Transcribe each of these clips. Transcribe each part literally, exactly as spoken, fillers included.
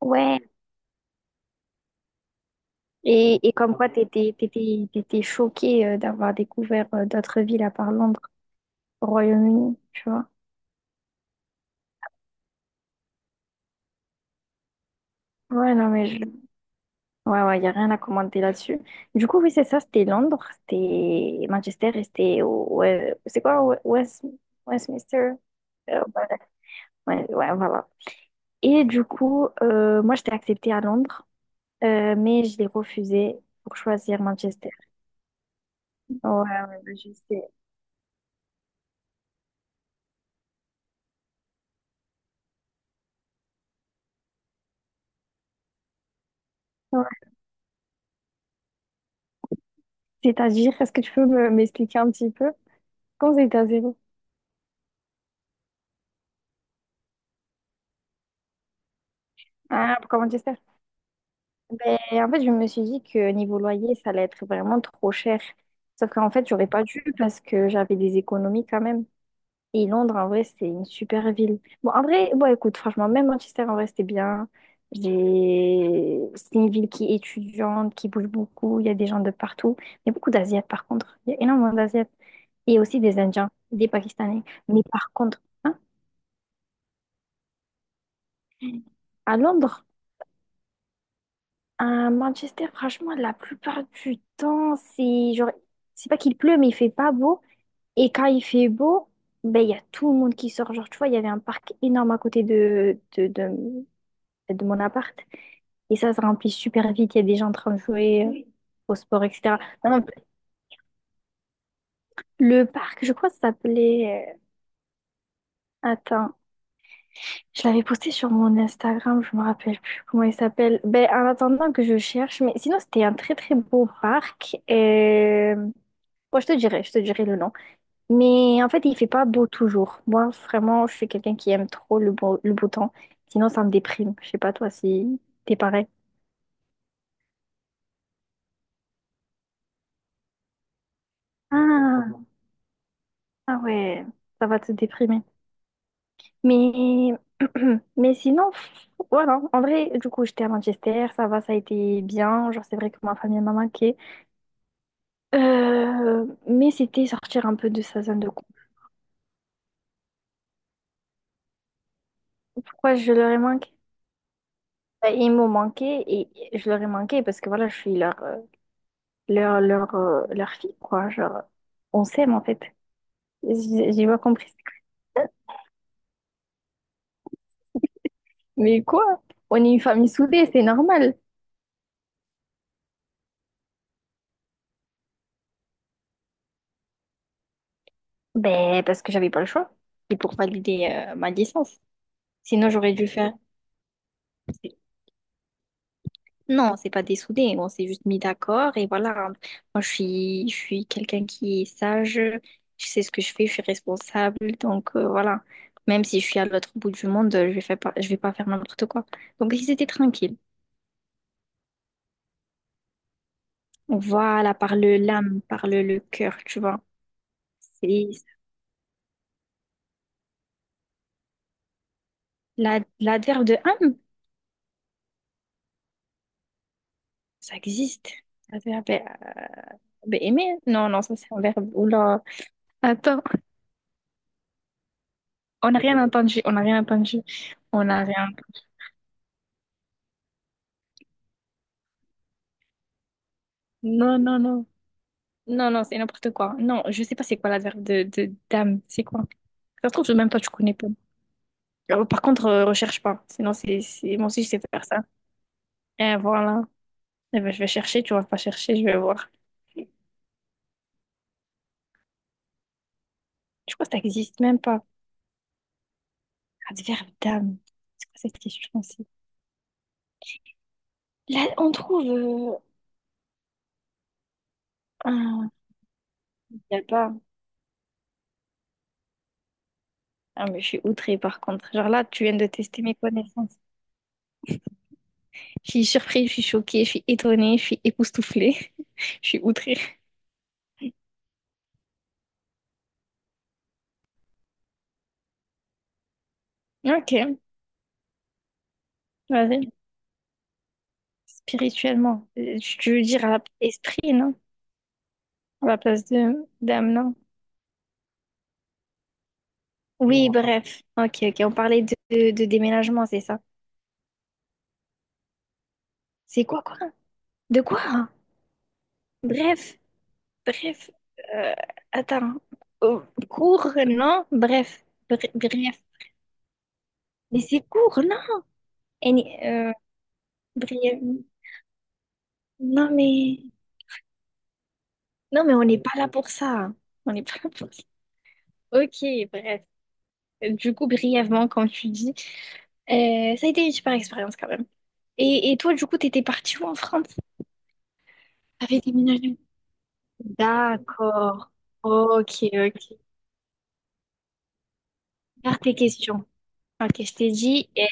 Ouais, et, et comme quoi t'étais, t'étais, t'étais choquée euh, d'avoir découvert euh, d'autres villes à part Londres, au Royaume-Uni, tu vois. Ouais, non, mais je... Ouais, ouais, y a rien à commenter là-dessus. Du coup, oui, c'est ça, c'était Londres, c'était Manchester et c'était... au- ouais, c'est quoi, Wes- West... Westminster? Euh, Ouais, ouais, ouais, voilà. Et du coup, euh, moi, j'étais acceptée à Londres, euh, mais je l'ai refusée pour choisir Manchester. Ouais, ouais, bah, je sais. Ouais. C'est-à-dire, est-ce que tu peux me- m'expliquer un petit peu? Comment ça, États-Unis? Ah, pourquoi Manchester? Ben, en fait, je me suis dit que niveau loyer, ça allait être vraiment trop cher. Sauf qu'en fait, j'aurais pas dû parce que j'avais des économies quand même. Et Londres, en vrai, c'est une super ville. Bon, en vrai, bon, écoute, franchement, même Manchester, en vrai, c'était bien. J'ai... C'est une ville qui est étudiante, qui bouge beaucoup. Il y a des gens de partout. Il y a beaucoup d'Asiates, par contre. Il y a énormément d'Asiates. Et aussi des Indiens, des Pakistanais. Mais par contre, hein, à Londres, à Manchester, franchement, la plupart du temps, c'est genre, c'est pas qu'il pleut, mais il fait pas beau. Et quand il fait beau, ben, il y a tout le monde qui sort. Genre, tu vois, il y avait un parc énorme à côté de, de, de, de mon appart. Et ça se remplit super vite. Il y a des gens en train de jouer euh, au sport, et cetera. Non, non, le parc, je crois que ça s'appelait, euh, attends, je l'avais posté sur mon Instagram, je me rappelle plus comment il s'appelle. Ben, en attendant que je cherche, mais sinon, c'était un très très beau parc. Euh, Bon, je te dirai, je te dirai le nom. Mais en fait, il fait pas beau toujours. Moi, vraiment, je suis quelqu'un qui aime trop le beau, le beau temps. Sinon, ça me déprime. Je sais pas toi si t'es pareil. Ah, ah ouais, ça va te déprimer. Mais, mais sinon, pff, voilà. En vrai, du coup, j'étais à Manchester, ça va, ça a été bien. Genre, c'est vrai que ma famille m'a manqué. Euh, mais c'était sortir un peu de sa zone de confort. Pourquoi je leur ai manqué? Bah, ils m'ont manqué et je leur ai manqué parce que voilà, je suis leur, euh, leur, leur, euh, leur fille, quoi. Genre, on s'aime, en fait. J'ai j'ai pas compris. Mais quoi? On est une famille soudée, c'est normal. Ben, parce que j'avais pas le choix. C'est pour valider euh, ma licence. Sinon, j'aurais dû faire. c'est- Non, c'est pas dessoudé. On s'est juste mis d'accord et voilà. Moi, je suis, je suis quelqu'un qui est sage. Je sais ce que je fais. Je suis responsable. Donc, euh, voilà. Même si je suis à l'autre bout du monde, je vais faire pas, je vais pas faire n'importe quoi. Donc, ils étaient tranquilles. Voilà, par le l'âme, par le, le cœur, tu vois. C'est la- l'adverbe de âme, ça existe. L'adverbe euh, ben, aimer, non, non, ça c'est un verbe. Oula, attends, on n'a rien entendu, on n'a rien entendu, on n'a rien. Non, non, non, non, non, c'est n'importe quoi. Non, je sais pas c'est quoi l'adverbe de, de d'âme, c'est quoi? Ça se trouve, même toi tu connais pas. Euh, Par contre, euh, recherche pas, sinon c'est, c'est... moi aussi je sais faire ça. Et voilà, eh ben, je vais chercher, tu vas pas chercher, je vais voir. Je crois que ça existe même pas. Amsterdam. C'est quoi cette question aussi? Là, on trouve euh, un... y a pas... Ah, mais je suis outrée par contre. Genre là, tu viens de tester mes connaissances. Je suis surprise, je suis choquée, je suis étonnée, je suis époustouflée. Je suis outrée. Ok, vas-y. Spirituellement. Euh, Tu veux dire à la- esprit, non? À la place de d'âme, non? Oui, bref. Ok, ok. On parlait de, de, de déménagement, c'est ça. C'est quoi, quoi? De quoi? Bref. Bref, euh, attends. Euh, court, non? Bref, br- bref. Mais c'est court, non? Et ni- euh, bref. Non, mais... Non, mais on n'est pas là pour ça. On n'est pas là pour ça. Ok, bref. Du coup, brièvement, comme tu dis, euh, ça a été une super expérience quand même. Et, et toi, du coup, t'étais partie où en France? T'avais déménagé où? D'accord. Ok, ok. Garde tes questions. Ok, je t'ai dit... eh,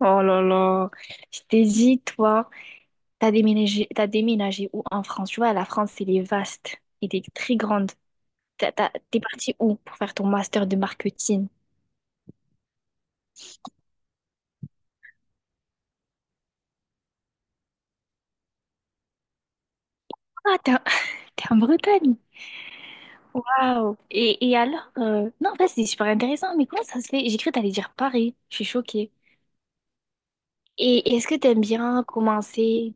Oh là là. Je t'ai dit, toi. T'as déménagé, t'as déménagé où en France? Tu vois, la France, elle est vaste. Elle est très grande. T'as- t'as- T'es parti où pour faire ton master de marketing? Ah, t'es en, t'es en Bretagne. Waouh. Et, et alors? euh, Non, en fait, c'est super intéressant. Mais comment ça se fait? J'ai cru que t'allais dire Paris. Je suis choquée. Et est-ce que t'aimes bien commencer?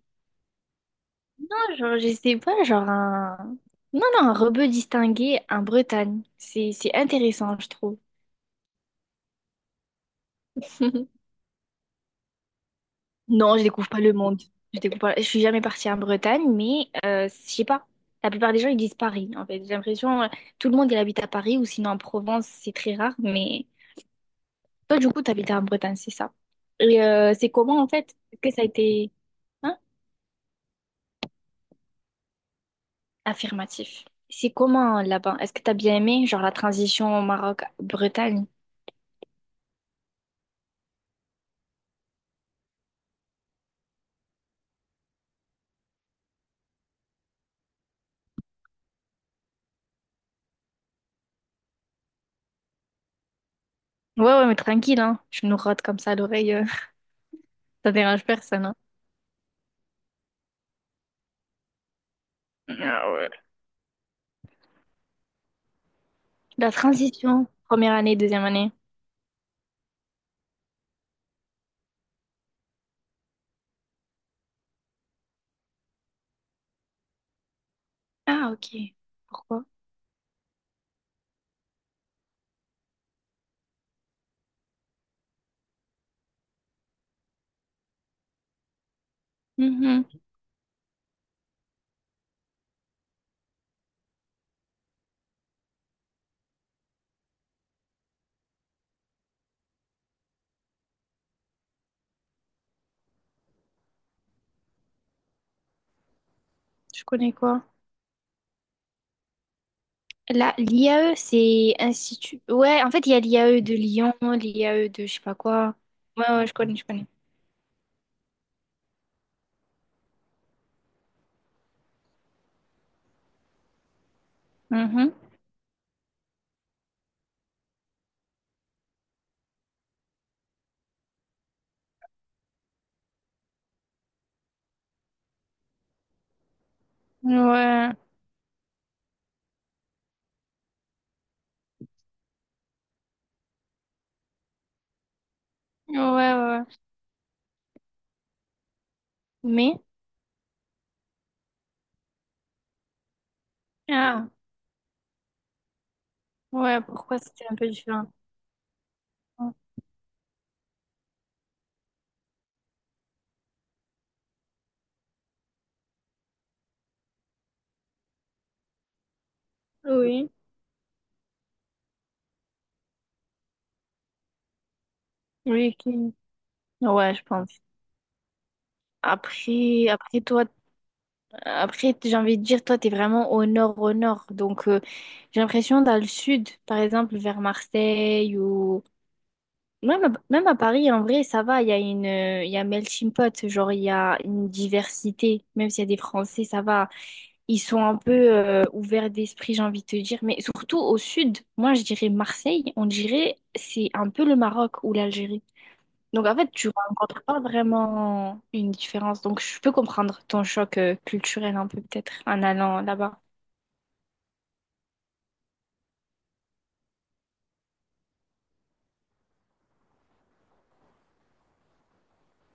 Non, genre, je sais pas, genre un... Non, non, un rebeu distingué en Bretagne. C'est, c'est intéressant, je trouve. Non, je découvre pas le monde. Je découvre pas- Je suis jamais partie en Bretagne, mais euh, je sais pas. La plupart des gens, ils disent Paris, en fait. J'ai l'impression, euh, tout le monde, il habite à Paris ou sinon en Provence, c'est très rare. Mais toi, du coup, t'habites en Bretagne, c'est ça. Et euh, c'est comment, en fait? Est-ce que ça a été... Hein? Affirmatif. C'est comment, là-bas? Est-ce que t'as bien aimé, genre, la transition au Maroc-Bretagne? Ouais, ouais, mais tranquille, hein. Je nous rote comme ça à l'oreille, euh, ça dérange personne, hein. Ah ouais. La transition, première année, deuxième année. Ah, ok. Pourquoi? Mhm. Je connais quoi? La, l'I A E, c'est institut. Ouais, en fait, il y a l'I A E de Lyon, l'I A E de je sais pas quoi. Ouais, ouais, je connais, je connais. Mhm. Ouais, ouais, ouais. Mais, ah, ouais, pourquoi c'était un peu différent? Oui, oui, qui- ouais, je pense. Après, après toi, après, j'ai envie de dire, toi, t'es vraiment au nord, au nord. Donc, euh, j'ai l'impression dans le sud, par exemple, vers Marseille ou Même à, même à Paris, en vrai, ça va, il y a une, euh, il y a melting pot, genre il y a une diversité. Même s'il y a des Français, ça va. Ils sont un peu euh, ouverts d'esprit, j'ai envie de te dire. Mais surtout au sud, moi je dirais Marseille, on dirait c'est un peu le Maroc ou l'Algérie. Donc en fait, tu rencontres pas vraiment une différence. Donc je peux comprendre ton choc euh, culturel un peu peut-être en allant là-bas.